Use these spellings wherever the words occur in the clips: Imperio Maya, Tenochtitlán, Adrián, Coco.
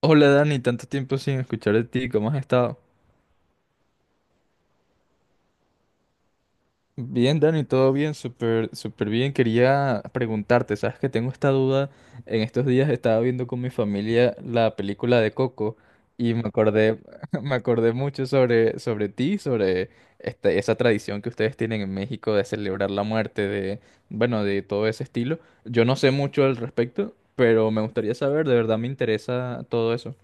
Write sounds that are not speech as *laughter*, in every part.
Hola Dani, tanto tiempo sin escuchar de ti, ¿cómo has estado? Bien, Dani, todo bien, súper, súper bien. Quería preguntarte, sabes que tengo esta duda. En estos días estaba viendo con mi familia la película de Coco y me acordé, *laughs* me acordé mucho sobre, sobre ti, sobre esta esa tradición que ustedes tienen en México de celebrar la muerte, de, bueno, de todo ese estilo. Yo no sé mucho al respecto, pero me gustaría saber, de verdad me interesa todo eso.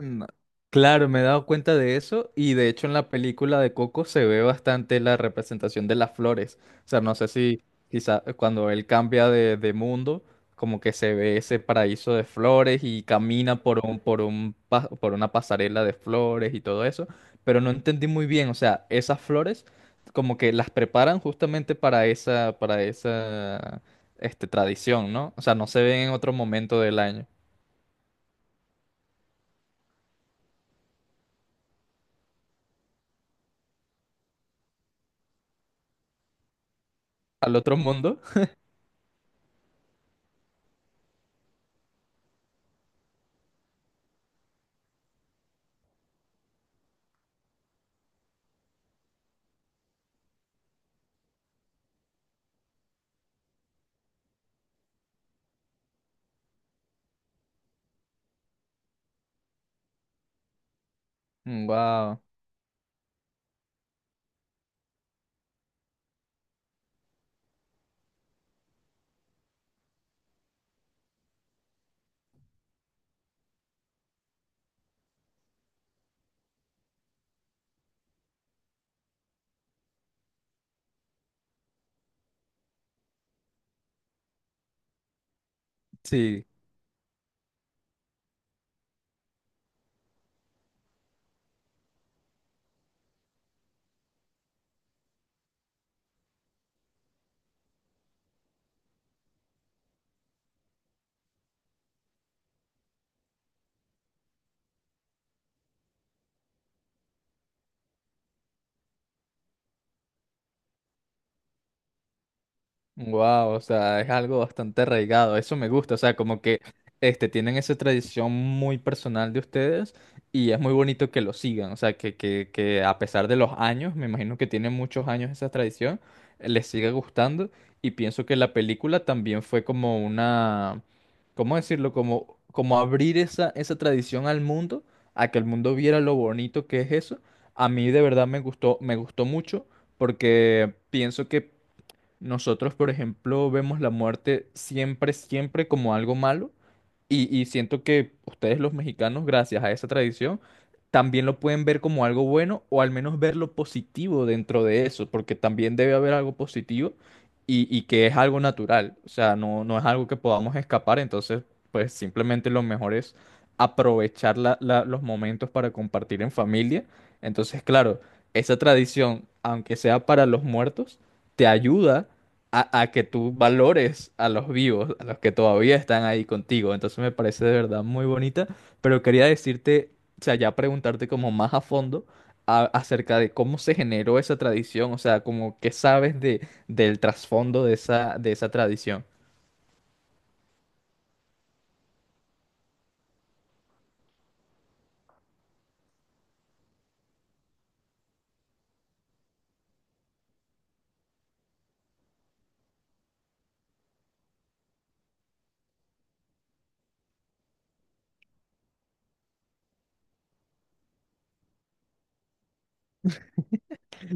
No. Claro, me he dado cuenta de eso y de hecho en la película de Coco se ve bastante la representación de las flores. O sea, no sé si quizá cuando él cambia de mundo, como que se ve ese paraíso de flores y camina por un, por una pasarela de flores y todo eso, pero no entendí muy bien, o sea, esas flores como que las preparan justamente para esa, este, tradición, ¿no? O sea, no se ven en otro momento del año. Al otro mundo. *laughs* Wow. Sí, wow, o sea, es algo bastante arraigado, eso me gusta, o sea, como que este, tienen esa tradición muy personal de ustedes y es muy bonito que lo sigan, o sea, que a pesar de los años, me imagino que tienen muchos años esa tradición, les siga gustando y pienso que la película también fue como una, ¿cómo decirlo? Como, como abrir esa, esa tradición al mundo, a que el mundo viera lo bonito que es eso. A mí de verdad me gustó mucho porque pienso que nosotros, por ejemplo, vemos la muerte siempre, siempre como algo malo y siento que ustedes los mexicanos, gracias a esa tradición, también lo pueden ver como algo bueno o al menos ver lo positivo dentro de eso, porque también debe haber algo positivo y que es algo natural, o sea, no, no es algo que podamos escapar, entonces, pues simplemente lo mejor es aprovechar los momentos para compartir en familia. Entonces, claro, esa tradición, aunque sea para los muertos, te ayuda a que tú valores a los vivos, a los que todavía están ahí contigo. Entonces me parece de verdad muy bonita, pero quería decirte, o sea, ya preguntarte como más a fondo acerca de cómo se generó esa tradición, o sea, como qué sabes de, del trasfondo de esa tradición. *laughs*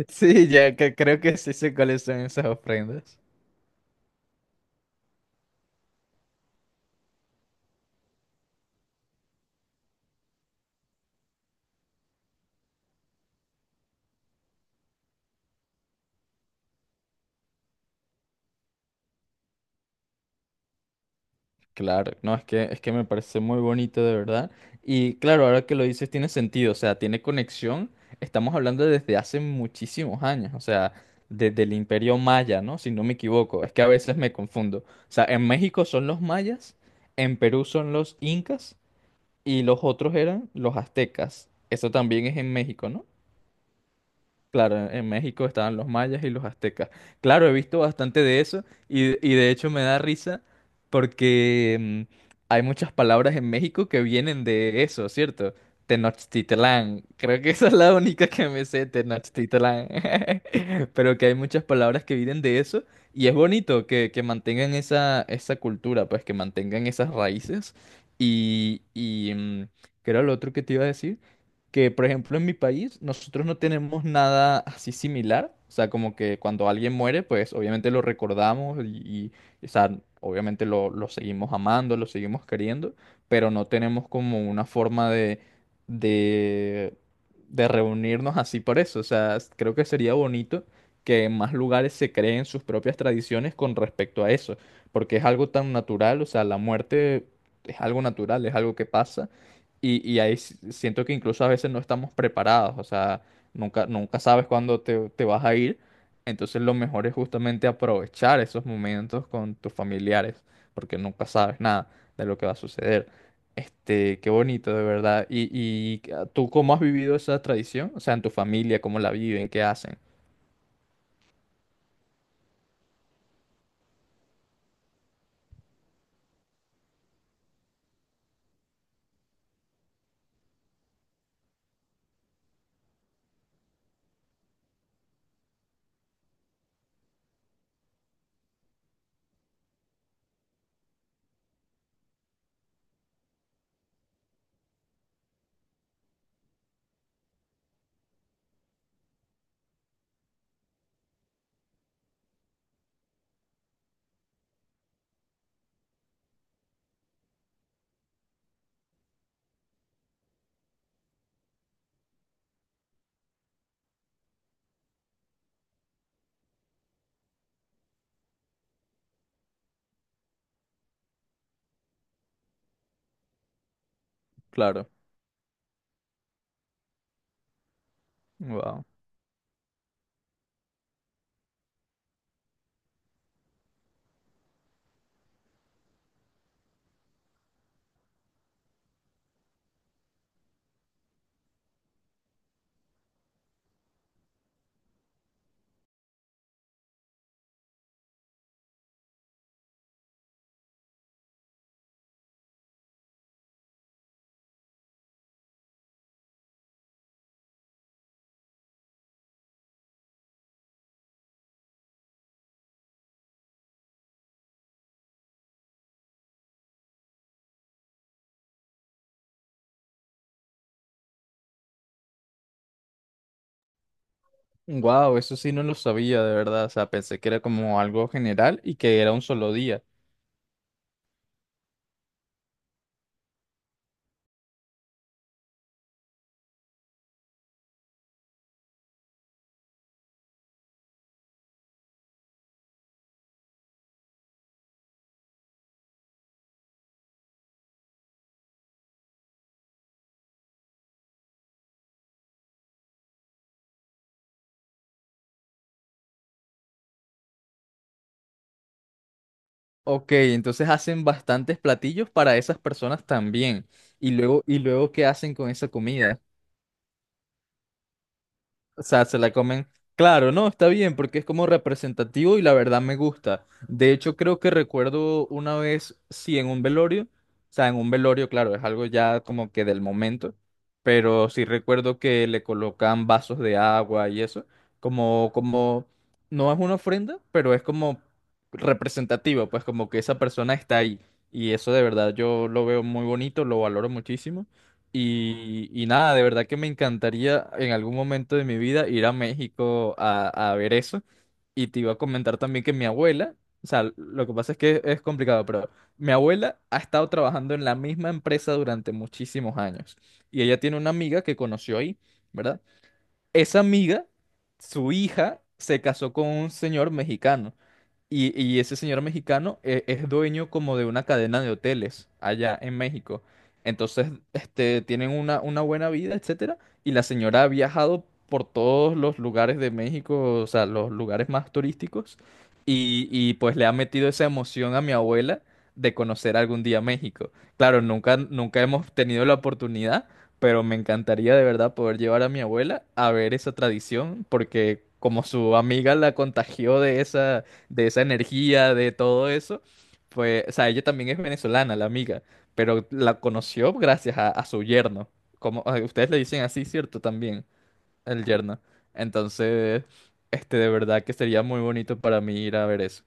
Sí, ya que creo que sí sé cuáles son esas ofrendas. Claro, no, es que me parece muy bonito de verdad. Y claro, ahora que lo dices tiene sentido, o sea, tiene conexión. Estamos hablando desde hace muchísimos años, o sea, desde el Imperio Maya, ¿no? Si no me equivoco, es que a veces me confundo. O sea, en México son los mayas, en Perú son los incas y los otros eran los aztecas. Eso también es en México, ¿no? Claro, en México estaban los mayas y los aztecas. Claro, he visto bastante de eso y de hecho me da risa porque hay muchas palabras en México que vienen de eso, ¿cierto? Tenochtitlán. Creo que *laughs* esa es la única que me sé, Tenochtitlán. *laughs* Pero que hay muchas palabras que vienen de eso y es bonito que mantengan esa, esa cultura, pues que mantengan esas raíces. Y, ¿qué era lo otro que te iba a decir? Que, por ejemplo, en mi país nosotros no tenemos nada así similar. O sea, como que cuando alguien muere, pues obviamente lo recordamos y, o sea, obviamente lo seguimos amando, lo seguimos queriendo, pero no tenemos como una forma de, de reunirnos así por eso. O sea, creo que sería bonito que en más lugares se creen sus propias tradiciones con respecto a eso, porque es algo tan natural, o sea, la muerte es algo natural, es algo que pasa y ahí siento que incluso a veces no estamos preparados, o sea, nunca, nunca sabes cuándo te vas a ir. Entonces lo mejor es justamente aprovechar esos momentos con tus familiares, porque nunca sabes nada de lo que va a suceder. Este, qué bonito, de verdad. ¿Y, tú cómo has vivido esa tradición? O sea, en tu familia, ¿cómo la viven? ¿Qué hacen? Claro. Wow. Wow, eso sí no lo sabía, de verdad. O sea, pensé que era como algo general y que era un solo día. Ok, entonces hacen bastantes platillos para esas personas también. Y luego, ¿qué hacen con esa comida? O sea, se la comen. Claro, no, está bien, porque es como representativo y la verdad me gusta. De hecho, creo que recuerdo una vez, sí, en un velorio. O sea, en un velorio, claro, es algo ya como que del momento. Pero sí recuerdo que le colocan vasos de agua y eso. Como, como, no es una ofrenda, pero es como representativo, pues como que esa persona está ahí. Y eso de verdad yo lo veo muy bonito, lo valoro muchísimo. Y nada, de verdad que me encantaría en algún momento de mi vida ir a México a ver eso. Y te iba a comentar también que mi abuela, o sea, lo que pasa es que es complicado, pero mi abuela ha estado trabajando en la misma empresa durante muchísimos años. Y ella tiene una amiga que conoció ahí, ¿verdad? Esa amiga, su hija, se casó con un señor mexicano. Y ese señor mexicano es, dueño como de una cadena de hoteles allá en México. Entonces, este, tienen una buena vida, etcétera. Y la señora ha viajado por todos los lugares de México, o sea, los lugares más turísticos. Y pues le ha metido esa emoción a mi abuela de conocer algún día México. Claro, nunca, nunca hemos tenido la oportunidad, pero me encantaría de verdad poder llevar a mi abuela a ver esa tradición, porque como su amiga la contagió de esa energía, de todo eso, pues, o sea, ella también es venezolana, la amiga, pero la conoció gracias a su yerno. Como, ah, ustedes le dicen así, ¿cierto? También, el yerno. Entonces, este, de verdad que sería muy bonito para mí ir a ver eso.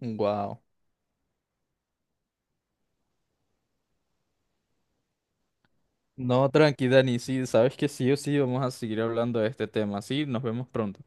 Wow. No, tranqui Dani, sí, sabes que sí o sí vamos a seguir hablando de este tema. Sí, nos vemos pronto.